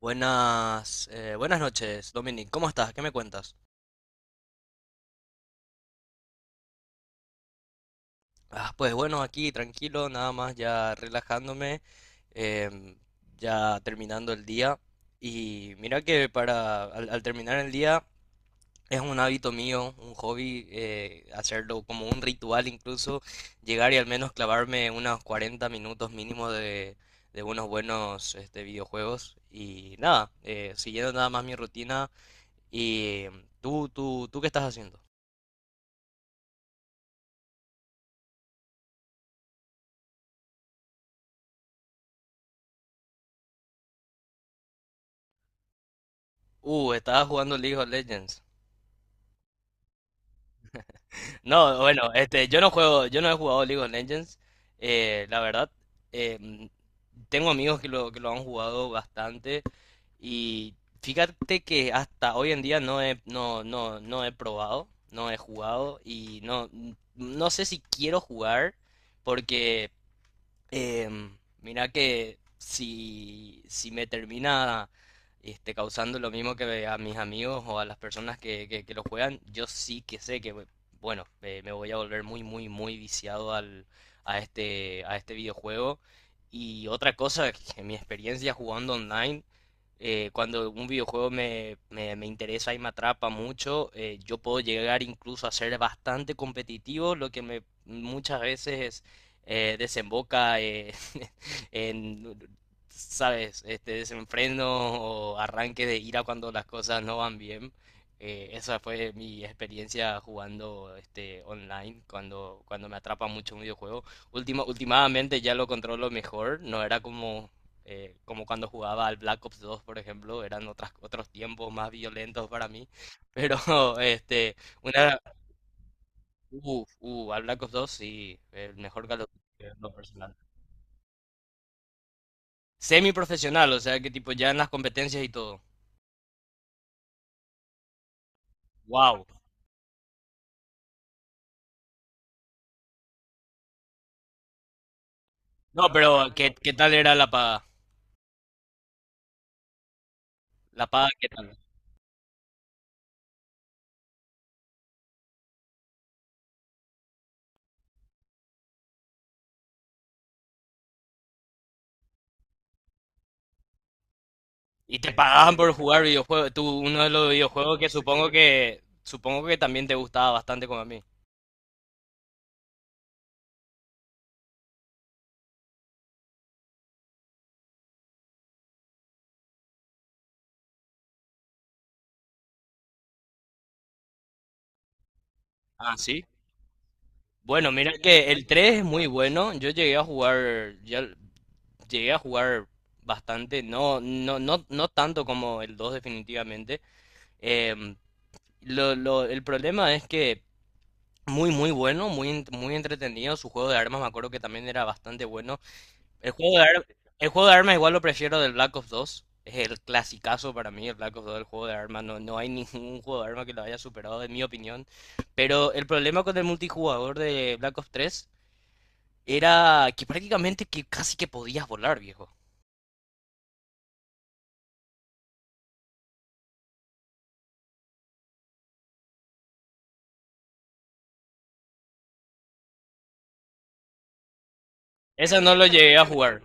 Buenas, buenas noches, Dominic. ¿Cómo estás? ¿Qué me cuentas? Ah, pues bueno, aquí tranquilo, nada más ya relajándome, em, ya terminando el día. Y mira que para al terminar el día es un hábito mío, un hobby, hacerlo como un ritual incluso, llegar y al menos clavarme unos 40 minutos mínimo de unos buenos este, videojuegos. Y nada, siguiendo nada más mi rutina. ¿Y tú qué estás haciendo? Estaba jugando League of Legends. No, bueno, este, yo no juego, yo no he jugado League of Legends. La verdad, em, tengo amigos que lo han jugado bastante. Y fíjate que hasta hoy en día no he, no, no, no he probado, no he jugado. Y no, no sé si quiero jugar. Porque Em, mirá que si me termina este, causando lo mismo que a mis amigos o a las personas que lo juegan, yo sí que sé que, bueno, me voy a volver muy, muy, muy viciado a este videojuego. Y otra cosa, que mi experiencia jugando online, cuando un videojuego me interesa y me atrapa mucho, yo puedo llegar incluso a ser bastante competitivo, lo que me muchas veces desemboca en, ¿sabes? Este desenfreno o arranque de ira cuando las cosas no van bien. Esa fue mi experiencia jugando este online cuando me atrapa mucho un videojuego. Últimamente ya lo controlo mejor, no era como, como cuando jugaba al Black Ops 2, por ejemplo, eran otros tiempos más violentos para mí, pero este, una, al Black Ops 2 sí, el mejor Call of Duty en lo personal. Semiprofesional, o sea que tipo ya en las competencias y todo. Wow. No, pero ¿qué, qué tal era la paga? La paga, ¿qué tal? Y te pagaban por jugar videojuegos. Tú, uno de los videojuegos que supongo que supongo que también te gustaba bastante como a mí. Ah, sí. Bueno, mira que el 3 es muy bueno. Yo llegué a jugar, ya llegué a jugar bastante, no, no, no, no tanto como el 2 definitivamente. Em, el problema es que muy, muy bueno, muy entretenido. Su juego de armas me acuerdo que también era bastante bueno. El juego de, ar- el juego de armas igual lo prefiero del Black Ops 2. Es el clasicazo para mí, el Black Ops 2, el juego de armas. No, no hay ningún juego de armas que lo haya superado, en mi opinión. Pero el problema con el multijugador de Black Ops 3 era que prácticamente que casi que podías volar, viejo. Esa no lo llegué a jugar.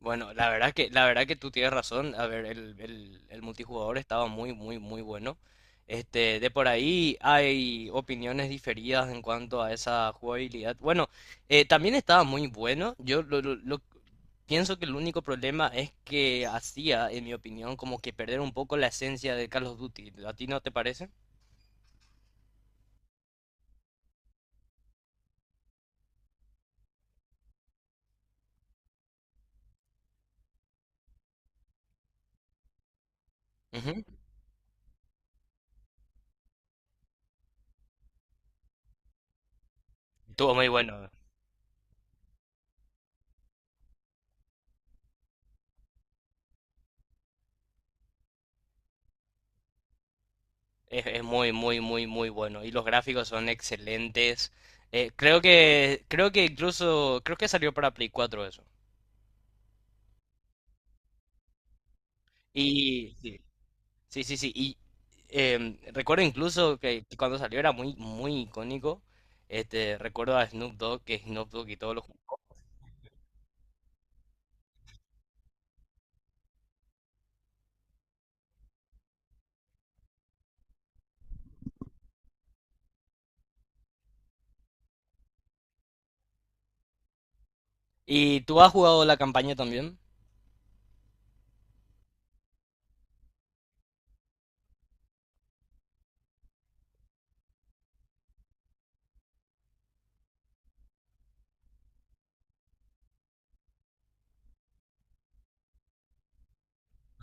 Bueno, la verdad que tú tienes razón. A ver, el multijugador estaba muy, muy, muy bueno. Este, de por ahí hay opiniones diferidas en cuanto a esa jugabilidad. Bueno, también estaba muy bueno. Yo lo- Pienso que el único problema es que hacía, en mi opinión, como que perder un poco la esencia de Call of Duty. ¿A ti no te parece? Ujú. Estuvo muy bueno. Es muy, muy, muy, muy bueno. Y los gráficos son excelentes. Creo que incluso, creo que salió para Play cuatro eso. Y sí, sí, sí. Sí. Y recuerdo incluso que cuando salió era muy, muy icónico. Este, recuerdo a Snoop Dogg, que Snoop Dogg y todos los... ¿Y tú has jugado la campaña también?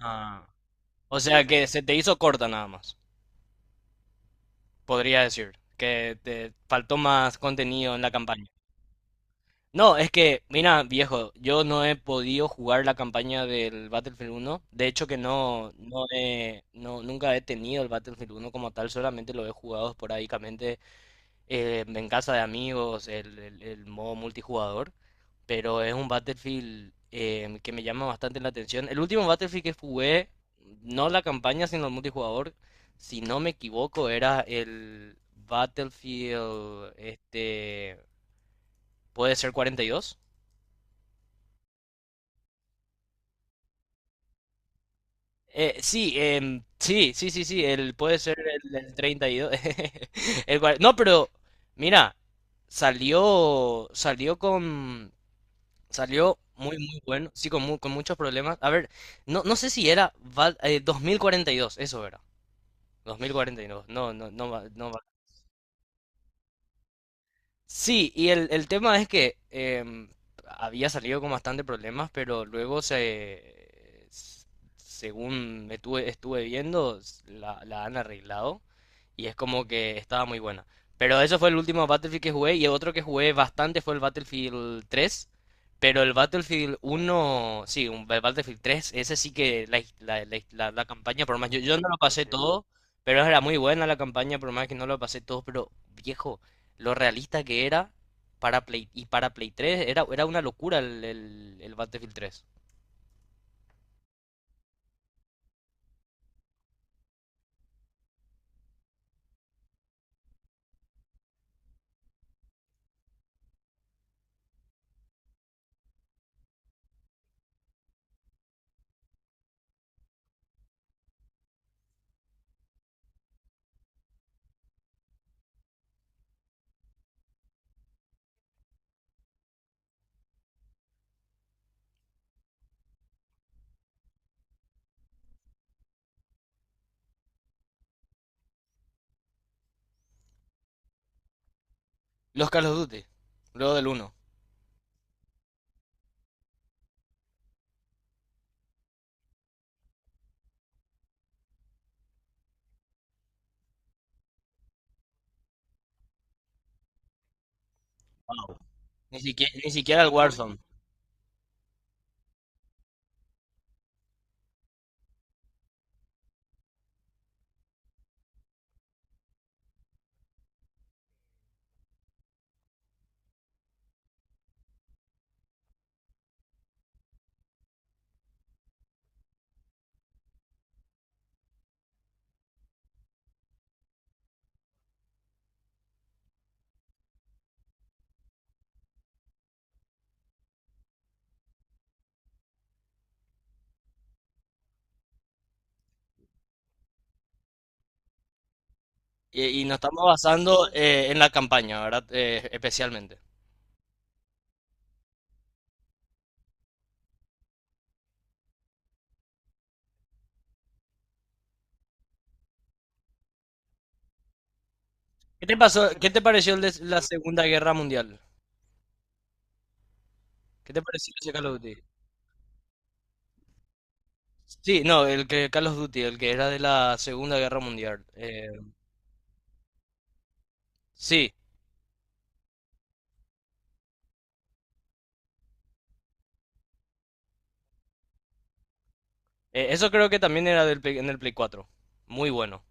Ah, o sea que se te hizo corta nada más, podría decir, que te faltó más contenido en la campaña. No, es que, mira, viejo, yo no he podido jugar la campaña del Battlefield uno. De hecho que no, no he, no, nunca he tenido el Battlefield uno como tal, solamente lo he jugado esporádicamente en casa de amigos, el modo multijugador. Pero es un Battlefield que me llama bastante la atención. El último Battlefield que jugué, no la campaña, sino el multijugador, si no me equivoco, era el Battlefield, este, puede ser 42. El, puede ser el 32. No, pero mira, salió, salió con, salió muy, muy bueno, sí, con muchos problemas. A ver, no, no sé si era 2042, eso era, 2042. No, no, no, va- no, Sí, y el tema es que había salido con bastante problemas, pero luego según estuve viendo, la han arreglado y es como que estaba muy buena. Pero eso fue el último Battlefield que jugué y el otro que jugué bastante fue el Battlefield tres, pero el Battlefield uno sí, el Battlefield tres ese sí que la campaña, por más, yo no lo pasé todo, pero era muy buena la campaña, por más que no lo pasé todo, pero viejo, lo realista que era para Play y para Play 3 era, era una locura el Battlefield tres. Los Call of Duty, luego del uno. Wow. Ni siquiera, ni siquiera el Warzone. Y nos estamos basando en la campaña, ¿verdad? Especialmente. ¿Qué te pasó? ¿Qué te pareció el de la Segunda Guerra Mundial? ¿Qué te pareció ese Call of Duty? Sí, no, el que Call of Duty, el que era de la Segunda Guerra Mundial. Sí, eso creo que también era del, en el Play cuatro. Muy bueno.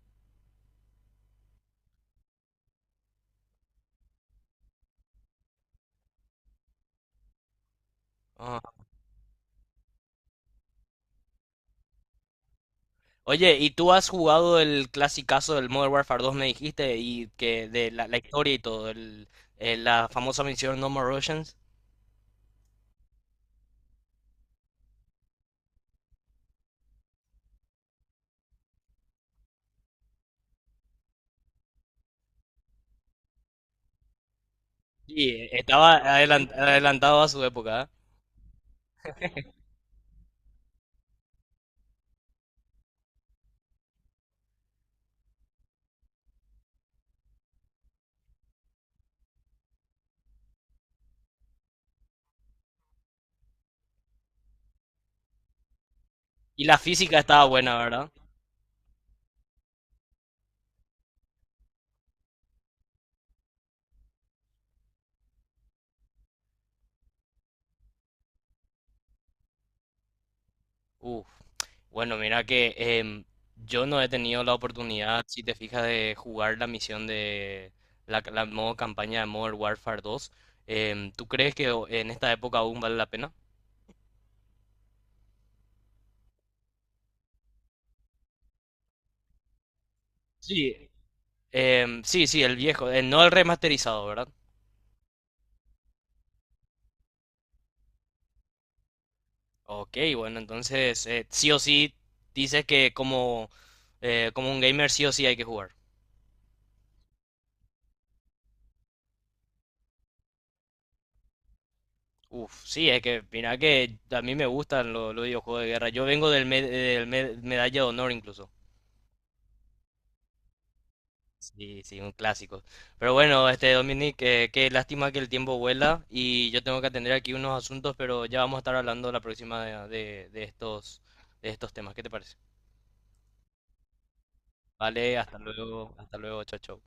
Ah. Oye, ¿y tú has jugado el clasicazo del Modern Warfare 2, me dijiste, y que de la historia y todo, la famosa misión No More Russians? Sí, estaba adelantado a su época, ¿eh? Y la física estaba buena, ¿verdad? Uf, bueno, mira que yo no he tenido la oportunidad, si te fijas, de jugar la misión de la modo campaña de Modern Warfare 2. ¿Tú crees que en esta época aún vale la pena? Sí. Sí, sí, el viejo, no el remasterizado, ¿verdad? Ok, bueno, entonces sí o sí dices que como, como un gamer sí o sí hay que jugar. Uf, sí, es que mira que a mí me gustan los videojuegos de guerra. Yo vengo del, medalla de honor incluso. Sí, sí, un clásico. Pero bueno, este Dominic, qué lástima que el tiempo vuela y yo tengo que atender aquí unos asuntos, pero ya vamos a estar hablando la próxima de estos temas. ¿Qué te parece? Vale, hasta luego, chao, chao.